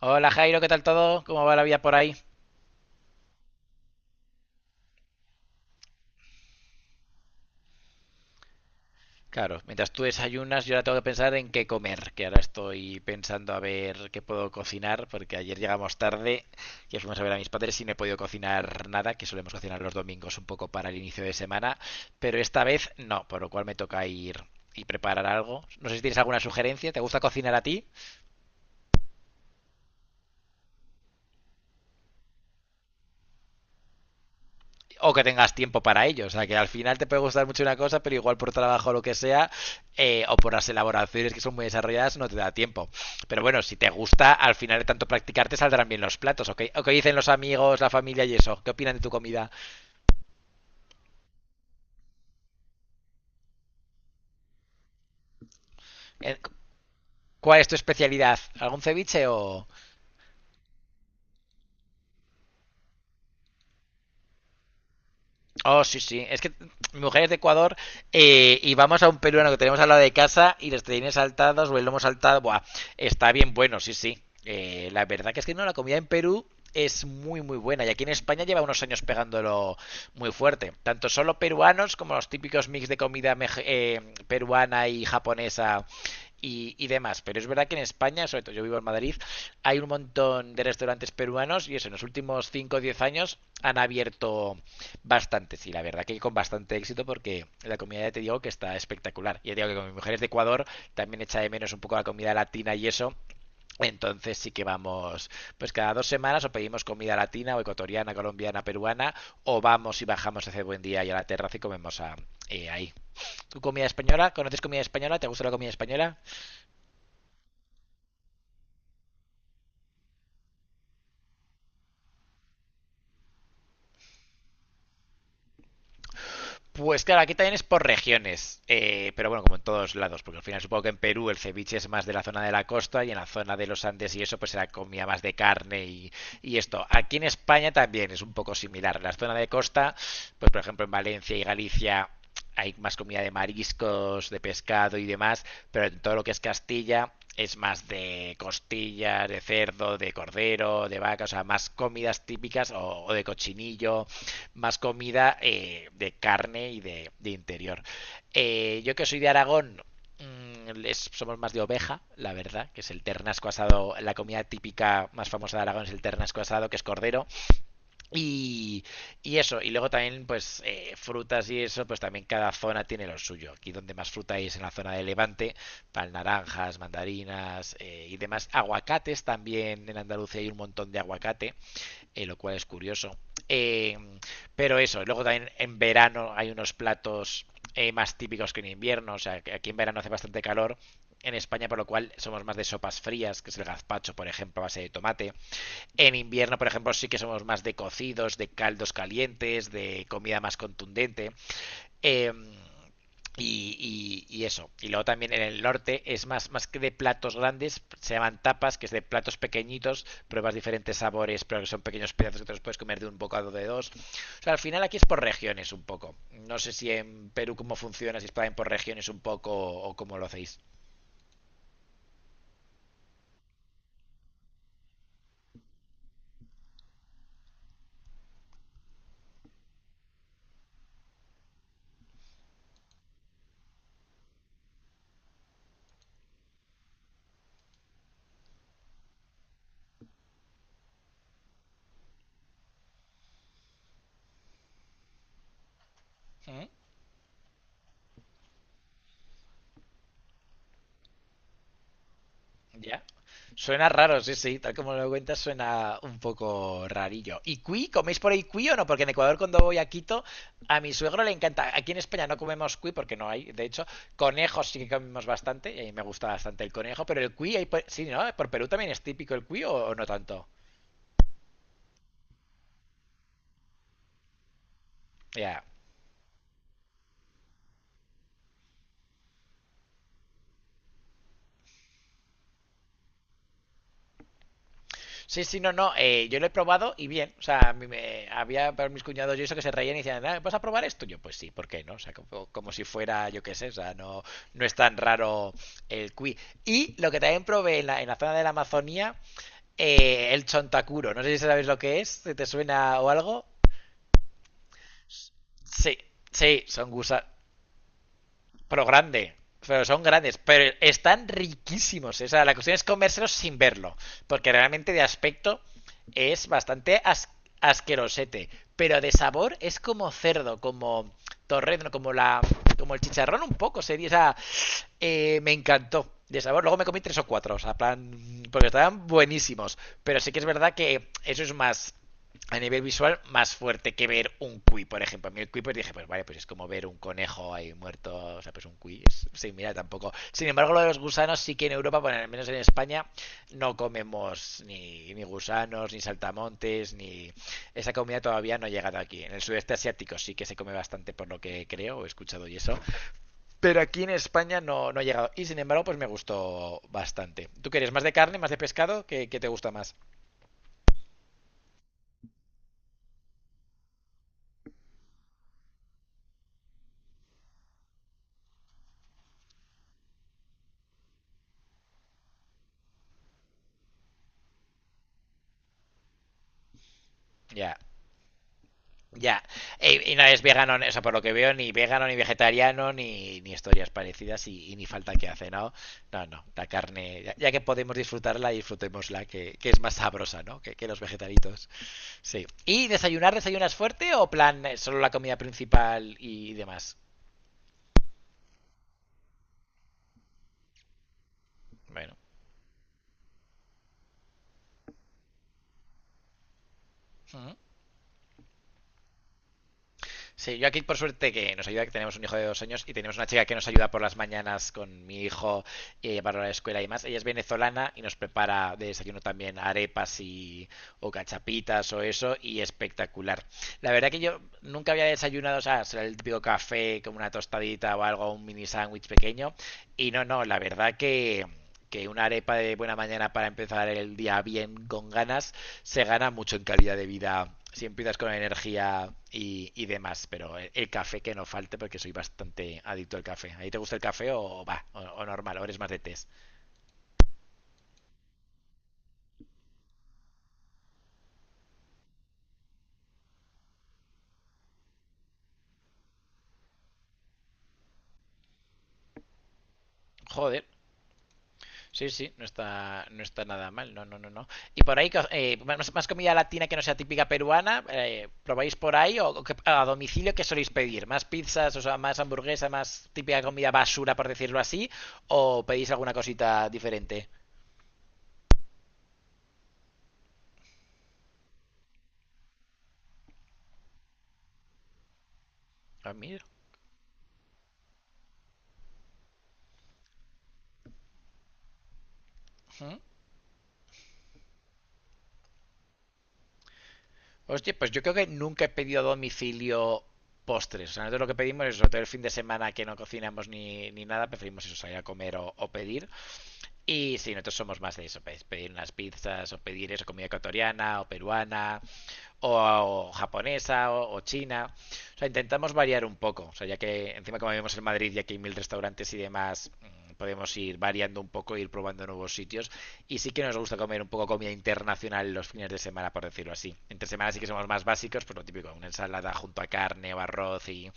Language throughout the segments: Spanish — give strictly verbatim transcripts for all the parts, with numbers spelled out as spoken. Hola Jairo, ¿qué tal todo? ¿Cómo va la vida por ahí? Claro, mientras tú desayunas, yo ahora tengo que pensar en qué comer, que ahora estoy pensando a ver qué puedo cocinar, porque ayer llegamos tarde y fuimos a ver a mis padres y no he podido cocinar nada, que solemos cocinar los domingos un poco para el inicio de semana, pero esta vez no, por lo cual me toca ir y preparar algo. No sé si tienes alguna sugerencia, ¿te gusta cocinar a ti? O que tengas tiempo para ello. O sea, que al final te puede gustar mucho una cosa, pero igual por trabajo o lo que sea, eh, o por las elaboraciones que son muy desarrolladas, no te da tiempo. Pero bueno, si te gusta, al final de tanto practicar te saldrán bien los platos. ¿O qué, o qué dicen los amigos, la familia y eso? ¿Qué opinan de tu comida? Eh, ¿Cuál es tu especialidad? ¿Algún ceviche o...? Oh, sí, sí. Es que mi mujer es de Ecuador, eh, y vamos a un peruano que tenemos al lado de casa y los tenines saltados o el lomo saltado. Buah, está bien bueno, sí, sí. Eh, la verdad que es que no, la comida en Perú es muy, muy buena. Y aquí en España lleva unos años pegándolo muy fuerte. Tanto solo peruanos como los típicos mix de comida mej- eh, peruana y japonesa y, y demás. Pero es verdad que en España, sobre todo yo vivo en Madrid, hay un montón de restaurantes peruanos y eso, en los últimos cinco o diez años han abierto bastante, sí, la verdad que con bastante éxito porque la comida ya te digo que está espectacular. Ya te digo que con mis mujeres de Ecuador también echa de menos un poco la comida latina y eso. Entonces sí que vamos, pues cada dos semanas o pedimos comida latina o ecuatoriana, colombiana, peruana, o vamos y bajamos hace buen día y a la terraza y comemos a- eh, ahí. ¿Tu comida española? ¿Conoces comida española? ¿Te gusta la comida española? Pues claro, aquí también es por regiones, eh, pero bueno, como en todos lados, porque al final supongo que en Perú el ceviche es más de la zona de la costa y en la zona de los Andes y eso pues será comida más de carne y, y esto. Aquí en España también es un poco similar. En la zona de costa, pues por ejemplo en Valencia y Galicia hay más comida de mariscos, de pescado y demás, pero en todo lo que es Castilla es más de costillas, de cerdo, de cordero, de vaca, o sea, más comidas típicas o, o de cochinillo, más comida eh, de carne y de, de interior. Eh, yo que soy de Aragón, mmm, es- somos más de oveja, la verdad, que es el ternasco asado, la comida típica más famosa de Aragón es el ternasco asado, que es cordero, y, y eso, y luego también pues eh, frutas y eso, pues también cada zona tiene lo suyo. Aquí donde más fruta hay es en la zona de Levante, tal naranjas, mandarinas eh, y demás. Aguacates también, en Andalucía hay un montón de aguacate, eh, lo cual es curioso. Eh, pero eso, luego también en verano hay unos platos eh, más típicos que en invierno, o sea, que aquí en verano hace bastante calor. En España, por lo cual, somos más de sopas frías, que es el gazpacho, por ejemplo, a base de tomate. En invierno, por ejemplo, sí que somos más de cocidos, de caldos calientes, de comida más contundente. Eh, y, y, y, eso. Y luego también en el norte es más, más que de platos grandes, se llaman tapas, que es de platos pequeñitos, pruebas diferentes sabores, pero que son pequeños pedazos que te los puedes comer de un bocado de dos. O sea, al final aquí es por regiones un poco. No sé si en Perú cómo funciona, si es por regiones un poco o cómo lo hacéis. ¿Eh? Ya. Suena raro, sí, sí. Tal como lo cuentas, suena un poco rarillo. ¿Y cuy? ¿Coméis por ahí cuy o no? Porque en Ecuador, cuando voy a Quito, a mi suegro le encanta. Aquí en España no comemos cuy porque no hay. De hecho, conejos sí que comemos bastante. Y a mí me gusta bastante el conejo. Pero el cuy, ahí por- sí, ¿no? ¿Por Perú también es típico el cuy o, o no tanto? Ya. Sí, sí, no, no. Eh, yo lo he probado y bien. O sea, a mí me- había para mis cuñados y eso que se reían y decían, "Ah, ¿vas a probar esto?". Yo, pues sí, ¿por qué no? O sea, como, como si fuera, yo qué sé, o sea, no, no es tan raro el cuy. Y lo que también probé en la, en la zona de la Amazonía, eh, el chontacuro. No sé si sabéis lo que es, si te suena o algo. Sí, sí, son gusanos. Pro grande. Pero son grandes. Pero están riquísimos. O sea, la cuestión es comérselos sin verlo. Porque realmente de aspecto es bastante as- asquerosete. Pero de sabor es como cerdo, como torrezno, como la. Como el chicharrón un poco. Sería. O sea, eh, me encantó. De sabor, luego me comí tres o cuatro, o sea, plan, porque estaban buenísimos. Pero sí que es verdad que eso es más, a nivel visual, más fuerte que ver un cuy, por ejemplo. A mí el cuy, pues dije, pues vale, pues es como ver un conejo ahí muerto, o sea, pues un cuy es sí, mira tampoco. Sin embargo, lo de los gusanos sí que en Europa, bueno, al menos en España, no comemos ni, ni gusanos, ni saltamontes, ni... Esa comida todavía no ha llegado aquí. En el sudeste asiático sí que se come bastante, por lo que creo, he escuchado y eso. Pero aquí en España no, no ha llegado. Y sin embargo, pues me gustó bastante. ¿Tú quieres más de carne, más de pescado? ¿Qué, qué te gusta más? Ya, ya. Y, y no es vegano, o sea, por lo que veo, ni vegano, ni vegetariano, ni, ni historias parecidas y, y ni falta que hace, ¿no? No, no. La carne, ya, ya que podemos disfrutarla, disfrutémosla, que, que es más sabrosa, ¿no? Que, que los vegetaritos. Sí. ¿Y desayunar, desayunas fuerte o plan eh, solo la comida principal y demás? Bueno. Ujú. Sí, yo aquí por suerte que nos ayuda, que tenemos un hijo de dos años y tenemos una chica que nos ayuda por las mañanas con mi hijo y a llevarlo a la escuela y más. Ella es venezolana y nos prepara de desayuno también arepas y o cachapitas o eso y espectacular. La verdad que yo nunca había desayunado, o sea, será el típico café como una tostadita o algo, un mini sándwich pequeño y no, no, la verdad que que una arepa de buena mañana para empezar el día bien con ganas se gana mucho en calidad de vida si empiezas con energía y, y demás. Pero el, el, café que no falte, porque soy bastante adicto al café. ¿A ti te gusta el café o va? O, o, normal, o eres más de test. Joder, sí, sí, no está, no está nada mal. No, no, no, no. Y por ahí, eh, más, más, comida latina que no sea típica peruana, eh, ¿probáis por ahí o, o a domicilio qué soléis pedir? ¿Más pizzas, o sea, más hamburguesa, más típica comida basura, por decirlo así? ¿O pedís alguna cosita diferente? A mí. ¿Mm? Hostia, pues yo creo que nunca he pedido a domicilio postres. O sea, nosotros lo que pedimos es, sobre todo el fin de semana que no cocinamos ni, ni nada, preferimos eso, salir a comer o, o pedir. Y sí, nosotros somos más de eso, pues, pedir unas pizzas o pedir eso, comida ecuatoriana o peruana o, o japonesa o, o china. O sea, intentamos variar un poco. O sea, ya que encima como vivimos en Madrid y aquí hay mil restaurantes y demás, mm, podemos ir variando un poco, ir probando nuevos sitios. Y sí que nos gusta comer un poco comida internacional los fines de semana, por decirlo así. Entre semanas sí que somos más básicos, pues lo típico, una ensalada junto a carne o arroz y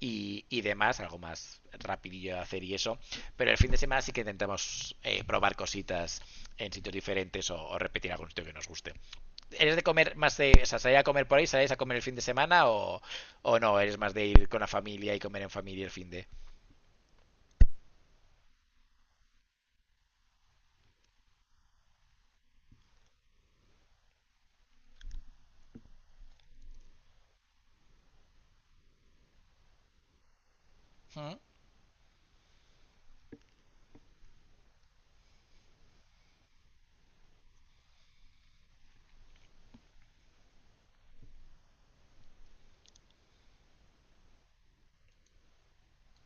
y, y demás, algo más rapidillo de hacer y eso. Pero el fin de semana sí que intentamos eh, probar cositas en sitios diferentes o, o, repetir algún sitio que nos guste. ¿Eres de comer más de, o sea, salir a comer por ahí, salís a comer el fin de semana o, o no? ¿Eres más de ir con la familia y comer en familia el fin de? ¿Mm?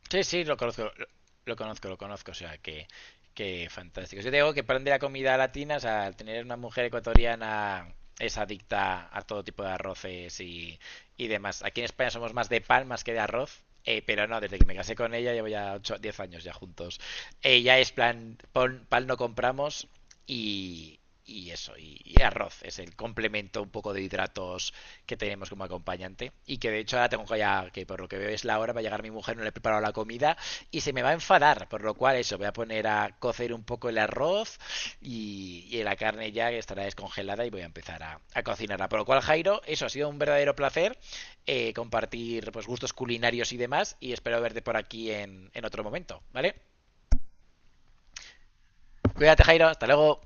Sí, sí, lo conozco, lo, lo conozco, lo conozco, o sea, que, que fantástico. Yo digo que para de la comida latina, o sea, al tener una mujer ecuatoriana es adicta a todo tipo de arroces y, y demás. Aquí en España somos más de pan más que de arroz, eh, pero no, desde que me casé con ella llevo ya ocho, diez años ya juntos. Ella es plan, pon- pan no compramos y, y eso, y, y arroz es el complemento un poco de hidratos que tenemos como acompañante y que de hecho ahora tengo ya que por lo que veo es la hora, va a llegar mi mujer, no le he preparado la comida y se me va a enfadar, por lo cual eso voy a poner a cocer un poco el arroz y, y la carne ya estará descongelada y voy a empezar a, a cocinarla. Por lo cual, Jairo, eso ha sido un verdadero placer, eh, compartir pues gustos culinarios y demás y espero verte por aquí en, en otro momento, vale. Cuídate, Jairo, hasta luego.